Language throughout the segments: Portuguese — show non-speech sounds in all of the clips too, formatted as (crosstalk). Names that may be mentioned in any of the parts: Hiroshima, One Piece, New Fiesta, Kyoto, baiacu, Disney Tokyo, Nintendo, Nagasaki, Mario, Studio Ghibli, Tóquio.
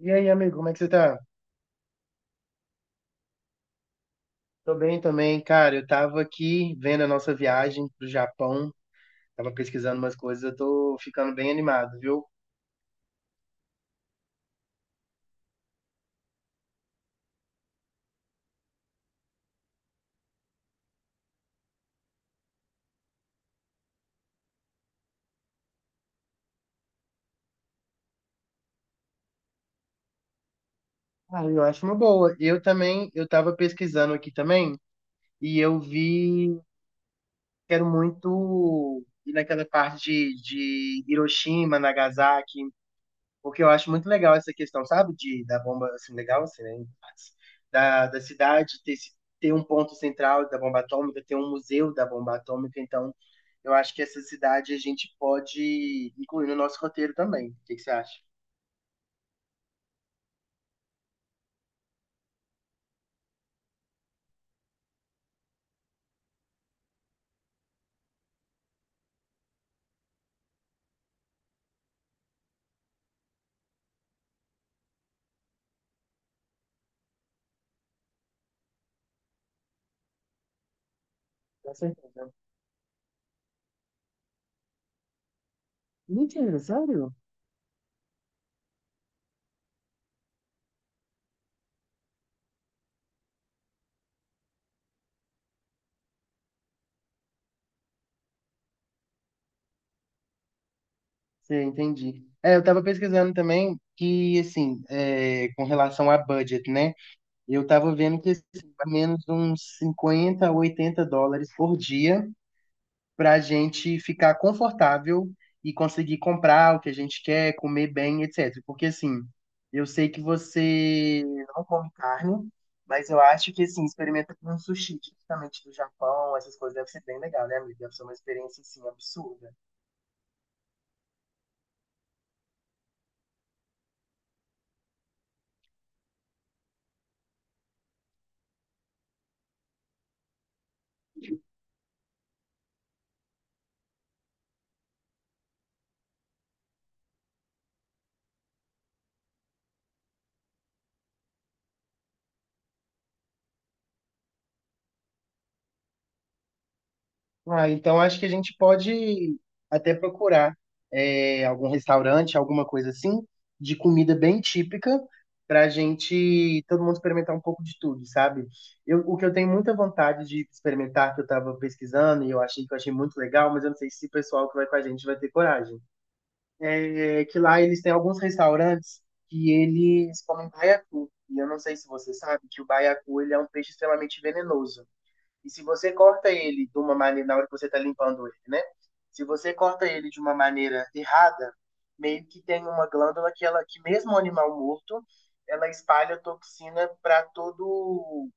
E aí, amigo, como é que você tá? Tô bem também, cara. Eu tava aqui vendo a nossa viagem pro Japão, tava pesquisando umas coisas, eu tô ficando bem animado, viu? Ah, eu acho uma boa. Eu também, eu tava pesquisando aqui também, e eu vi, quero muito ir naquela parte de Hiroshima, Nagasaki, porque eu acho muito legal essa questão, sabe? Da bomba, assim, legal, assim, né? Da cidade ter, ter um ponto central da bomba atômica, ter um museu da bomba atômica. Então, eu acho que essa cidade a gente pode incluir no nosso roteiro também. O que que você acha? Com certeza. Mentira, sério? Sim, entendi. É, eu tava pesquisando também que, assim, é, com relação a budget, né? Eu tava vendo que, assim, mais ou menos uns 50, a 80 dólares por dia para a gente ficar confortável e conseguir comprar o que a gente quer, comer bem, etc. Porque assim, eu sei que você não come carne, mas eu acho que assim, experimenta com um sushi, tipicamente do Japão, essas coisas deve ser bem legal, né, amigo? Deve ser uma experiência assim absurda. Ah, então acho que a gente pode até procurar é, algum restaurante, alguma coisa assim, de comida bem típica, para a gente, todo mundo experimentar um pouco de tudo, sabe? Eu, o que eu tenho muita vontade de experimentar, que eu estava pesquisando e eu achei muito legal, mas eu não sei se o pessoal que vai com a gente vai ter coragem. É que lá eles têm alguns restaurantes que eles comem baiacu. E eu não sei se você sabe que o baiacu ele é um peixe extremamente venenoso. E se você corta ele de uma maneira, na hora que você está limpando ele, né? Se você corta ele de uma maneira errada, meio que tem uma glândula que ela, que mesmo o animal morto, ela espalha toxina para todo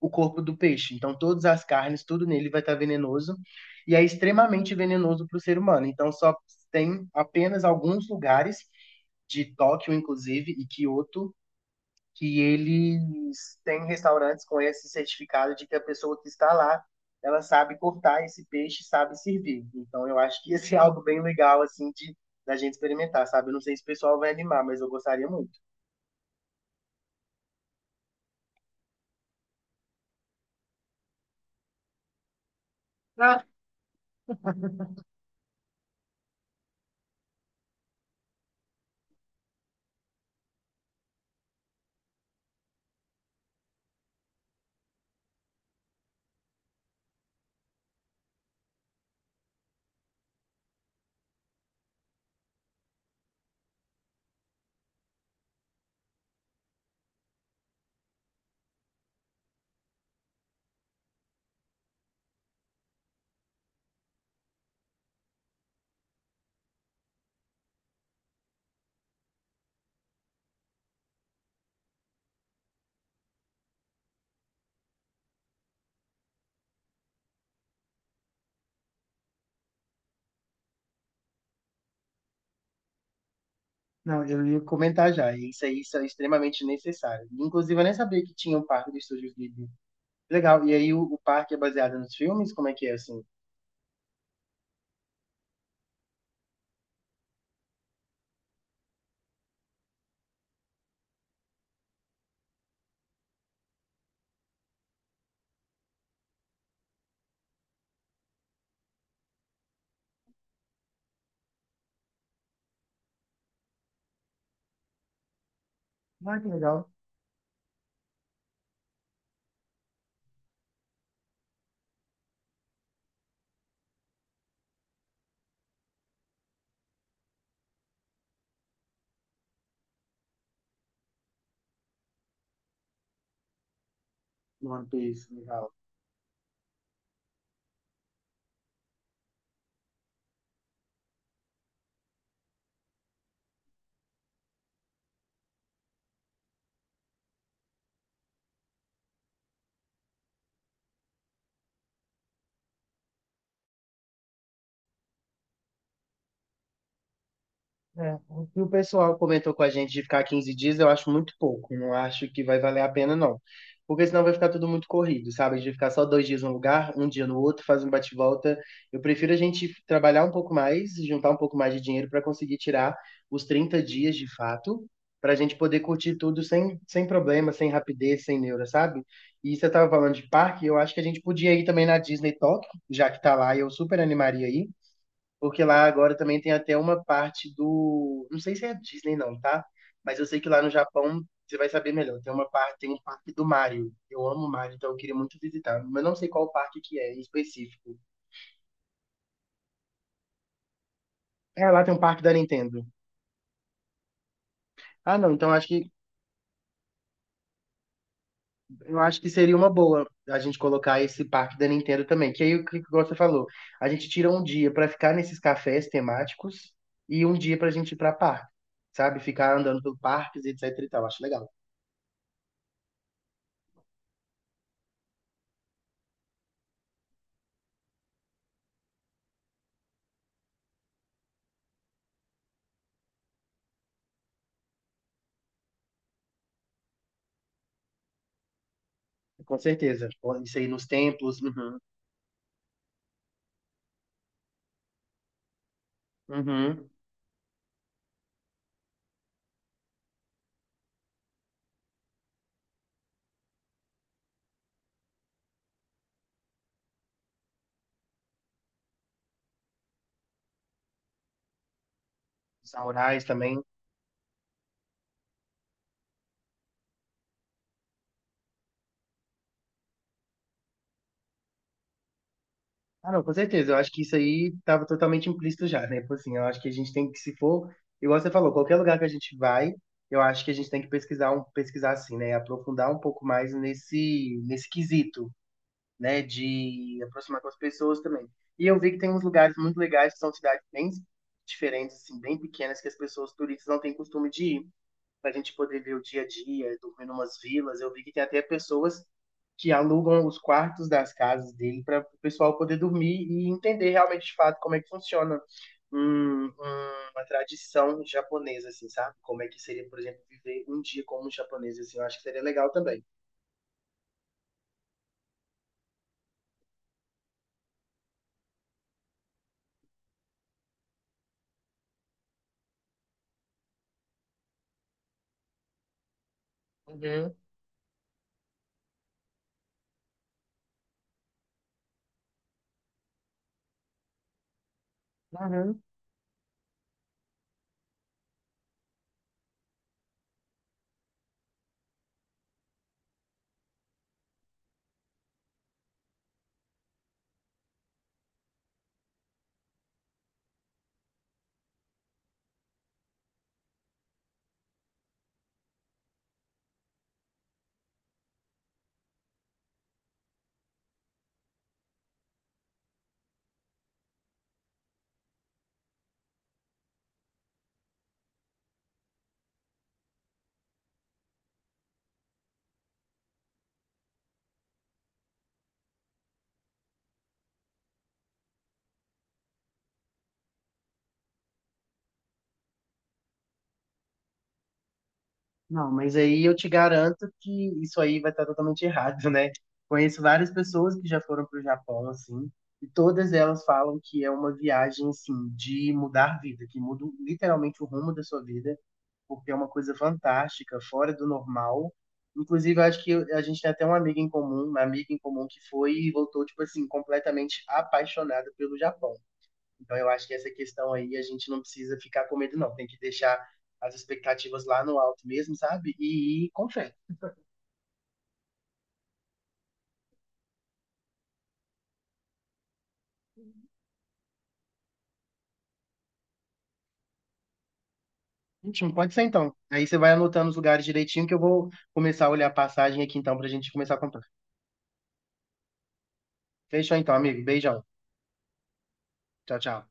o corpo do peixe. Então, todas as carnes, tudo nele vai estar venenoso e é extremamente venenoso para o ser humano. Então, só tem apenas alguns lugares de Tóquio, inclusive, e Kyoto, que eles têm restaurantes com esse certificado de que a pessoa que está lá, ela sabe cortar esse peixe, sabe servir. Então eu acho que esse é (laughs) algo bem legal assim de da gente experimentar, sabe? Eu não sei se o pessoal vai animar, mas eu gostaria muito. Não, eu ia comentar já. Isso aí isso é extremamente necessário. Inclusive, eu nem sabia que tinha um parque do Estúdio Ghibli. Legal. E aí o parque é baseado nos filmes? Como é que é assim? Ah, que legal. No One Piece, legal. É, o que o pessoal comentou com a gente de ficar 15 dias, eu acho muito pouco. Não acho que vai valer a pena, não. Porque senão vai ficar tudo muito corrido, sabe? De ficar só dois dias num lugar, um dia no outro, fazer um bate-volta. Eu prefiro a gente trabalhar um pouco mais, juntar um pouco mais de dinheiro para conseguir tirar os 30 dias de fato, para a gente poder curtir tudo sem, sem problema, sem rapidez, sem neura, sabe? E você estava falando de parque, eu acho que a gente podia ir também na Disney Tokyo, já que tá lá, e eu super animaria aí. Porque lá agora também tem até uma parte do. Não sei se é a Disney, não, tá? Mas eu sei que lá no Japão você vai saber melhor. Tem uma parte, tem um parque do Mario. Eu amo o Mario, então eu queria muito visitar. Mas não sei qual parque que é em específico. É, lá tem um parque da Nintendo. Ah, não, então acho que eu acho que seria uma boa a gente colocar esse parque da Nintendo também. Que aí o que igual você falou, a gente tira um dia pra ficar nesses cafés temáticos e um dia pra gente ir pra parque, sabe? Ficar andando pelo parques, etc e tal. Acho legal. Com certeza. Pô, isso aí nos templos, uhum, uhum, os aurais também. Ah, não, com certeza. Eu acho que isso aí estava totalmente implícito já, né? Tipo assim, eu acho que a gente tem que, se for, igual você falou, qualquer lugar que a gente vai, eu acho que a gente tem que pesquisar, um, pesquisar assim, né? Aprofundar um pouco mais nesse quesito, né? De aproximar com as pessoas também. E eu vi que tem uns lugares muito legais, que são cidades bem diferentes, assim, bem pequenas, que as pessoas turistas não têm costume de ir, para a gente poder ver o dia a dia, dormir em umas vilas. Eu vi que tem até pessoas que alugam os quartos das casas dele para o pessoal poder dormir e entender realmente de fato como é que funciona uma tradição japonesa, assim, sabe? Como é que seria, por exemplo, viver um dia como um japonês, assim, eu acho que seria legal também. Uhum, uhum. Não, mas aí eu te garanto que isso aí vai estar totalmente errado, né? Conheço várias pessoas que já foram para o Japão, assim, e todas elas falam que é uma viagem, assim, de mudar vida, que muda literalmente o rumo da sua vida, porque é uma coisa fantástica, fora do normal. Inclusive, eu acho que a gente tem até uma amiga em comum, uma amiga em comum que foi e voltou, tipo assim, completamente apaixonada pelo Japão. Então eu acho que essa questão aí a gente não precisa ficar com medo, não. Tem que deixar as expectativas lá no alto mesmo, sabe? E ir com fé. Ótimo, pode ser então. Aí você vai anotando os lugares direitinho que eu vou começar a olhar a passagem aqui então pra gente começar a comprar. Fechou então, amigo. Beijão. Tchau, tchau.